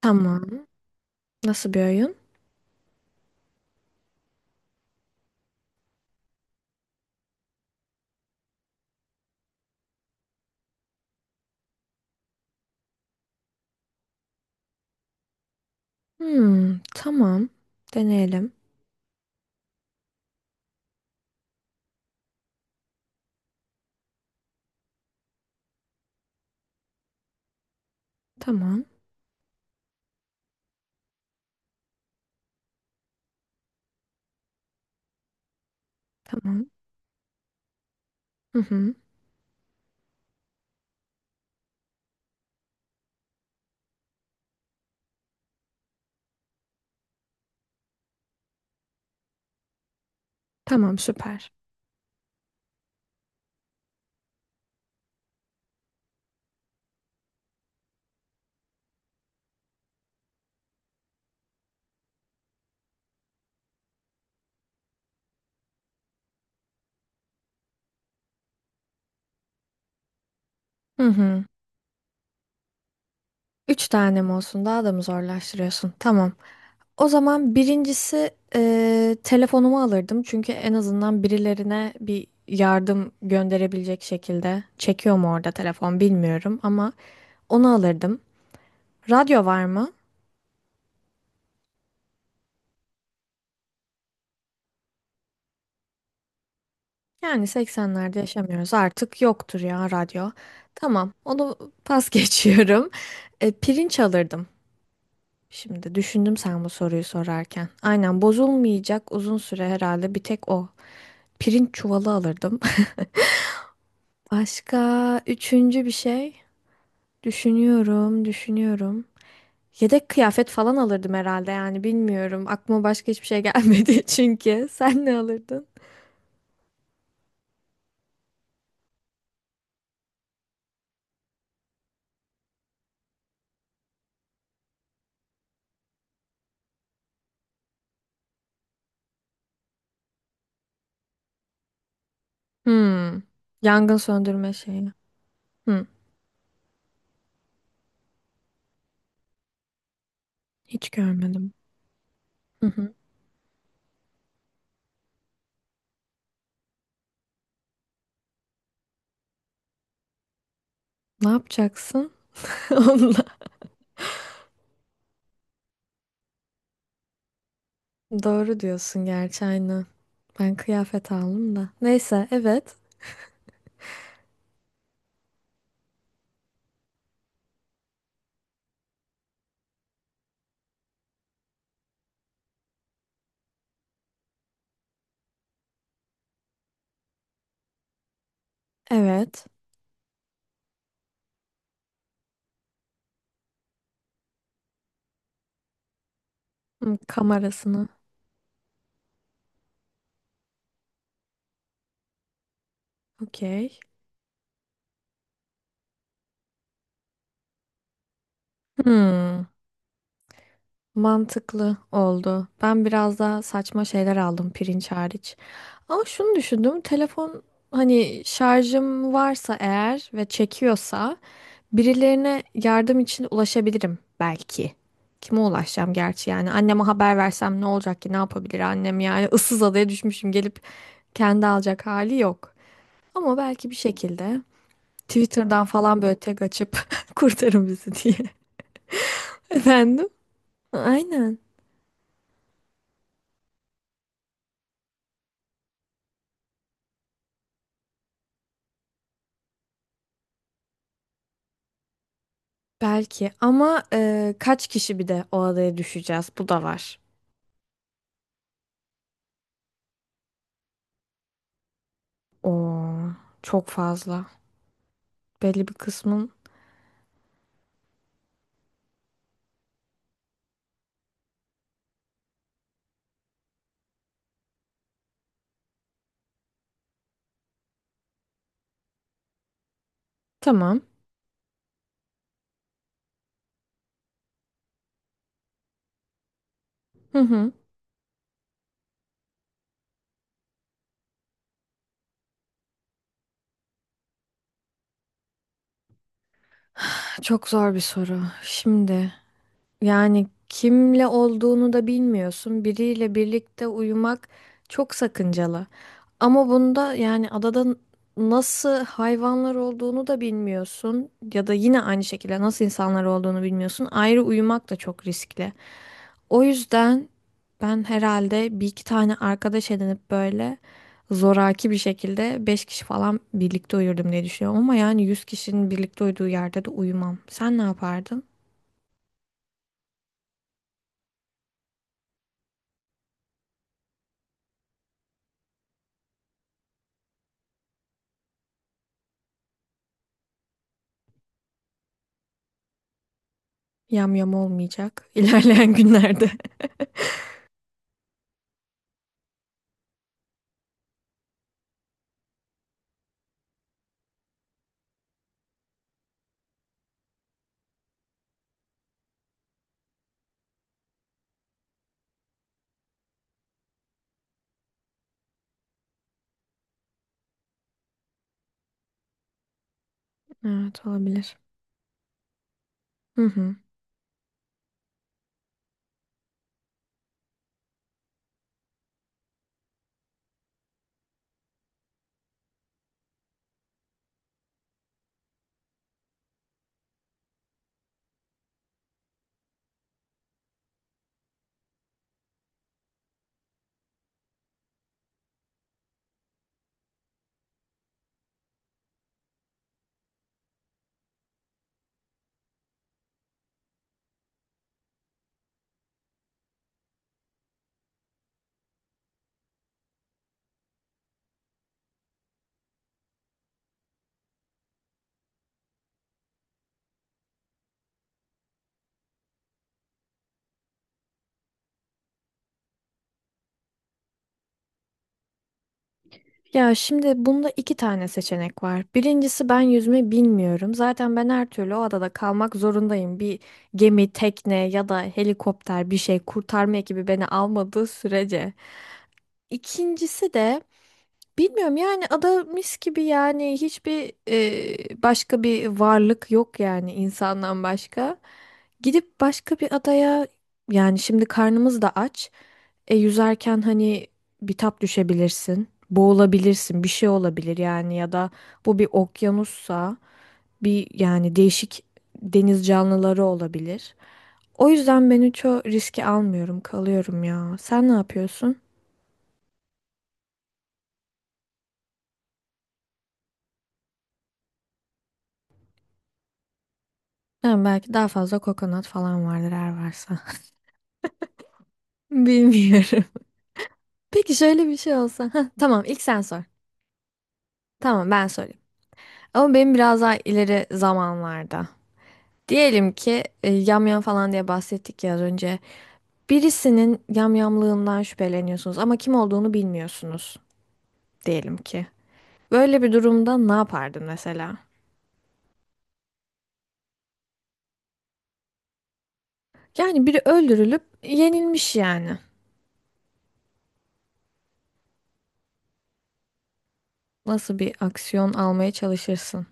Tamam. Nasıl bir oyun? Hmm, tamam. Deneyelim. Tamam. Tamam. Hı hı. Tamam, süper. Hı hı. Üç tane mi olsun? Daha da mı zorlaştırıyorsun? Tamam. O zaman birincisi telefonumu alırdım. Çünkü en azından birilerine bir yardım gönderebilecek şekilde. Çekiyor mu orada telefon bilmiyorum ama onu alırdım. Radyo var mı? Yani 80'lerde yaşamıyoruz. Artık yoktur ya radyo. Tamam, onu pas geçiyorum. Pirinç alırdım. Şimdi düşündüm sen bu soruyu sorarken. Aynen bozulmayacak uzun süre herhalde bir tek o. Pirinç çuvalı alırdım. Başka üçüncü bir şey. Düşünüyorum, düşünüyorum. Yedek kıyafet falan alırdım herhalde yani bilmiyorum. Aklıma başka hiçbir şey gelmedi çünkü. Sen ne alırdın? Hmm. Yangın söndürme şeyi. Hmm. Hiç görmedim. Ne yapacaksın? Onunla. Doğru diyorsun gerçi aynen. Ben kıyafet aldım da. Neyse evet. Evet. Hmm, kamerasını. Okey. Hmm. Mantıklı oldu. Ben biraz daha saçma şeyler aldım pirinç hariç. Ama şunu düşündüm. Telefon hani şarjım varsa eğer ve çekiyorsa birilerine yardım için ulaşabilirim belki. Kime ulaşacağım gerçi yani anneme haber versem ne olacak ki ne yapabilir annem yani ıssız adaya düşmüşüm gelip kendi alacak hali yok. Ama belki bir şekilde Twitter'dan falan böyle tek açıp kurtarın bizi diye. Efendim? Aynen. Belki ama kaç kişi bir de o adaya düşeceğiz? Bu da var. Oo, çok fazla. Belli bir kısmın. Tamam. Hı hı. Çok zor bir soru. Şimdi. Yani kimle olduğunu da bilmiyorsun. Biriyle birlikte uyumak çok sakıncalı. Ama bunda yani adada nasıl hayvanlar olduğunu da bilmiyorsun ya da yine aynı şekilde nasıl insanlar olduğunu bilmiyorsun. Ayrı uyumak da çok riskli. O yüzden ben herhalde bir iki tane arkadaş edinip böyle zoraki bir şekilde 5 kişi falan birlikte uyurdum diye düşünüyorum. Ama yani 100 kişinin birlikte uyuduğu yerde de uyumam. Sen ne yapardın? Yam yam olmayacak ilerleyen günlerde. Evet olabilir. Hı hı. Ya şimdi bunda iki tane seçenek var. Birincisi ben yüzme bilmiyorum. Zaten ben her türlü o adada kalmak zorundayım. Bir gemi, tekne ya da helikopter bir şey kurtarma ekibi beni almadığı sürece. İkincisi de bilmiyorum yani ada mis gibi yani hiçbir başka bir varlık yok yani insandan başka. Gidip başka bir adaya yani şimdi karnımız da aç. Yüzerken hani bitap düşebilirsin, boğulabilirsin, bir şey olabilir yani ya da bu bir okyanussa bir yani değişik deniz canlıları olabilir. O yüzden ben hiç o riski almıyorum, kalıyorum ya. Sen ne yapıyorsun? Yani belki daha fazla kokonat falan vardır eğer varsa. Bilmiyorum. Peki şöyle bir şey olsa. Hah, tamam ilk sen sor. Tamam ben sorayım. Ama benim biraz daha ileri zamanlarda. Diyelim ki yamyam falan diye bahsettik ya az önce. Birisinin yamyamlığından şüpheleniyorsunuz ama kim olduğunu bilmiyorsunuz diyelim ki. Böyle bir durumda ne yapardın mesela? Yani biri öldürülüp yenilmiş yani. Nasıl bir aksiyon almaya çalışırsın?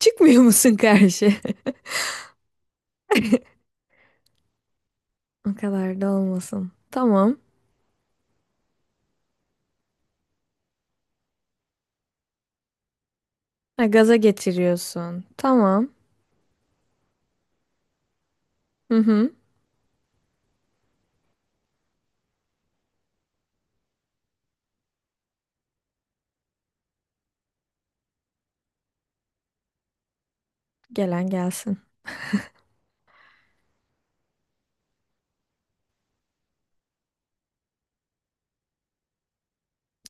Çıkmıyor musun karşı? O kadar da olmasın. Tamam. Ha, gaza getiriyorsun. Tamam. Hı hı. Gelen gelsin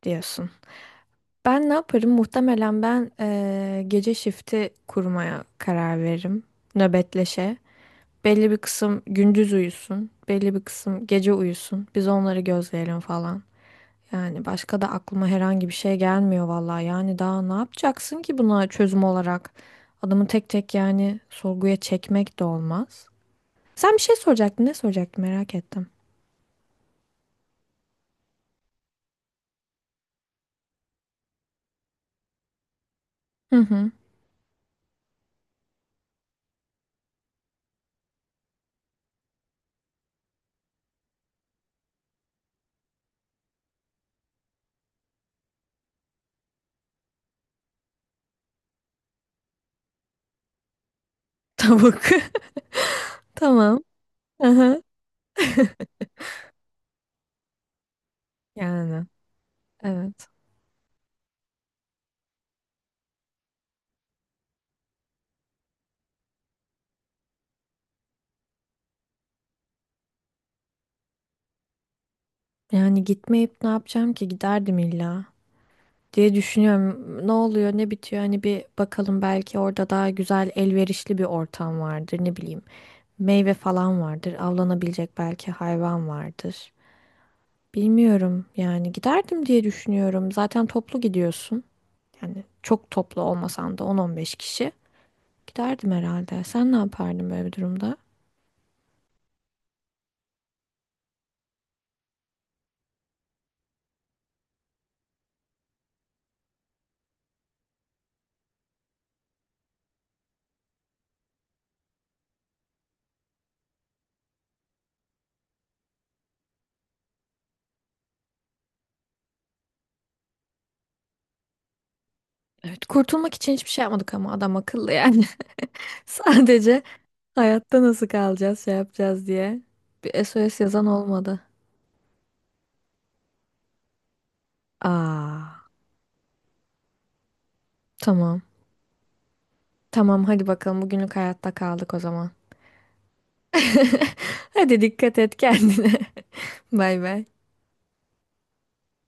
diyorsun. Ben ne yaparım? Muhtemelen ben gece shifti kurmaya karar veririm. Nöbetleşe. Belli bir kısım gündüz uyusun. Belli bir kısım gece uyusun. Biz onları gözleyelim falan. Yani başka da aklıma herhangi bir şey gelmiyor vallahi. Yani daha ne yapacaksın ki buna çözüm olarak? Adamı tek tek yani sorguya çekmek de olmaz. Sen bir şey soracaktın. Ne soracaktın merak ettim. Hı hı. Tavuk. Tamam. Aha. Yani evet. Yani gitmeyip ne yapacağım ki giderdim illa diye düşünüyorum. Ne oluyor ne bitiyor hani bir bakalım belki orada daha güzel elverişli bir ortam vardır ne bileyim. Meyve falan vardır avlanabilecek belki hayvan vardır. Bilmiyorum yani giderdim diye düşünüyorum. Zaten toplu gidiyorsun. Yani çok toplu olmasan da 10-15 kişi. Giderdim herhalde. Sen ne yapardın böyle bir durumda? Evet, kurtulmak için hiçbir şey yapmadık ama adam akıllı yani. Sadece hayatta nasıl kalacağız, şey yapacağız diye. Bir SOS yazan olmadı. Aa, tamam. Tamam hadi bakalım bugünlük hayatta kaldık o zaman. Hadi dikkat et kendine. Bay bay.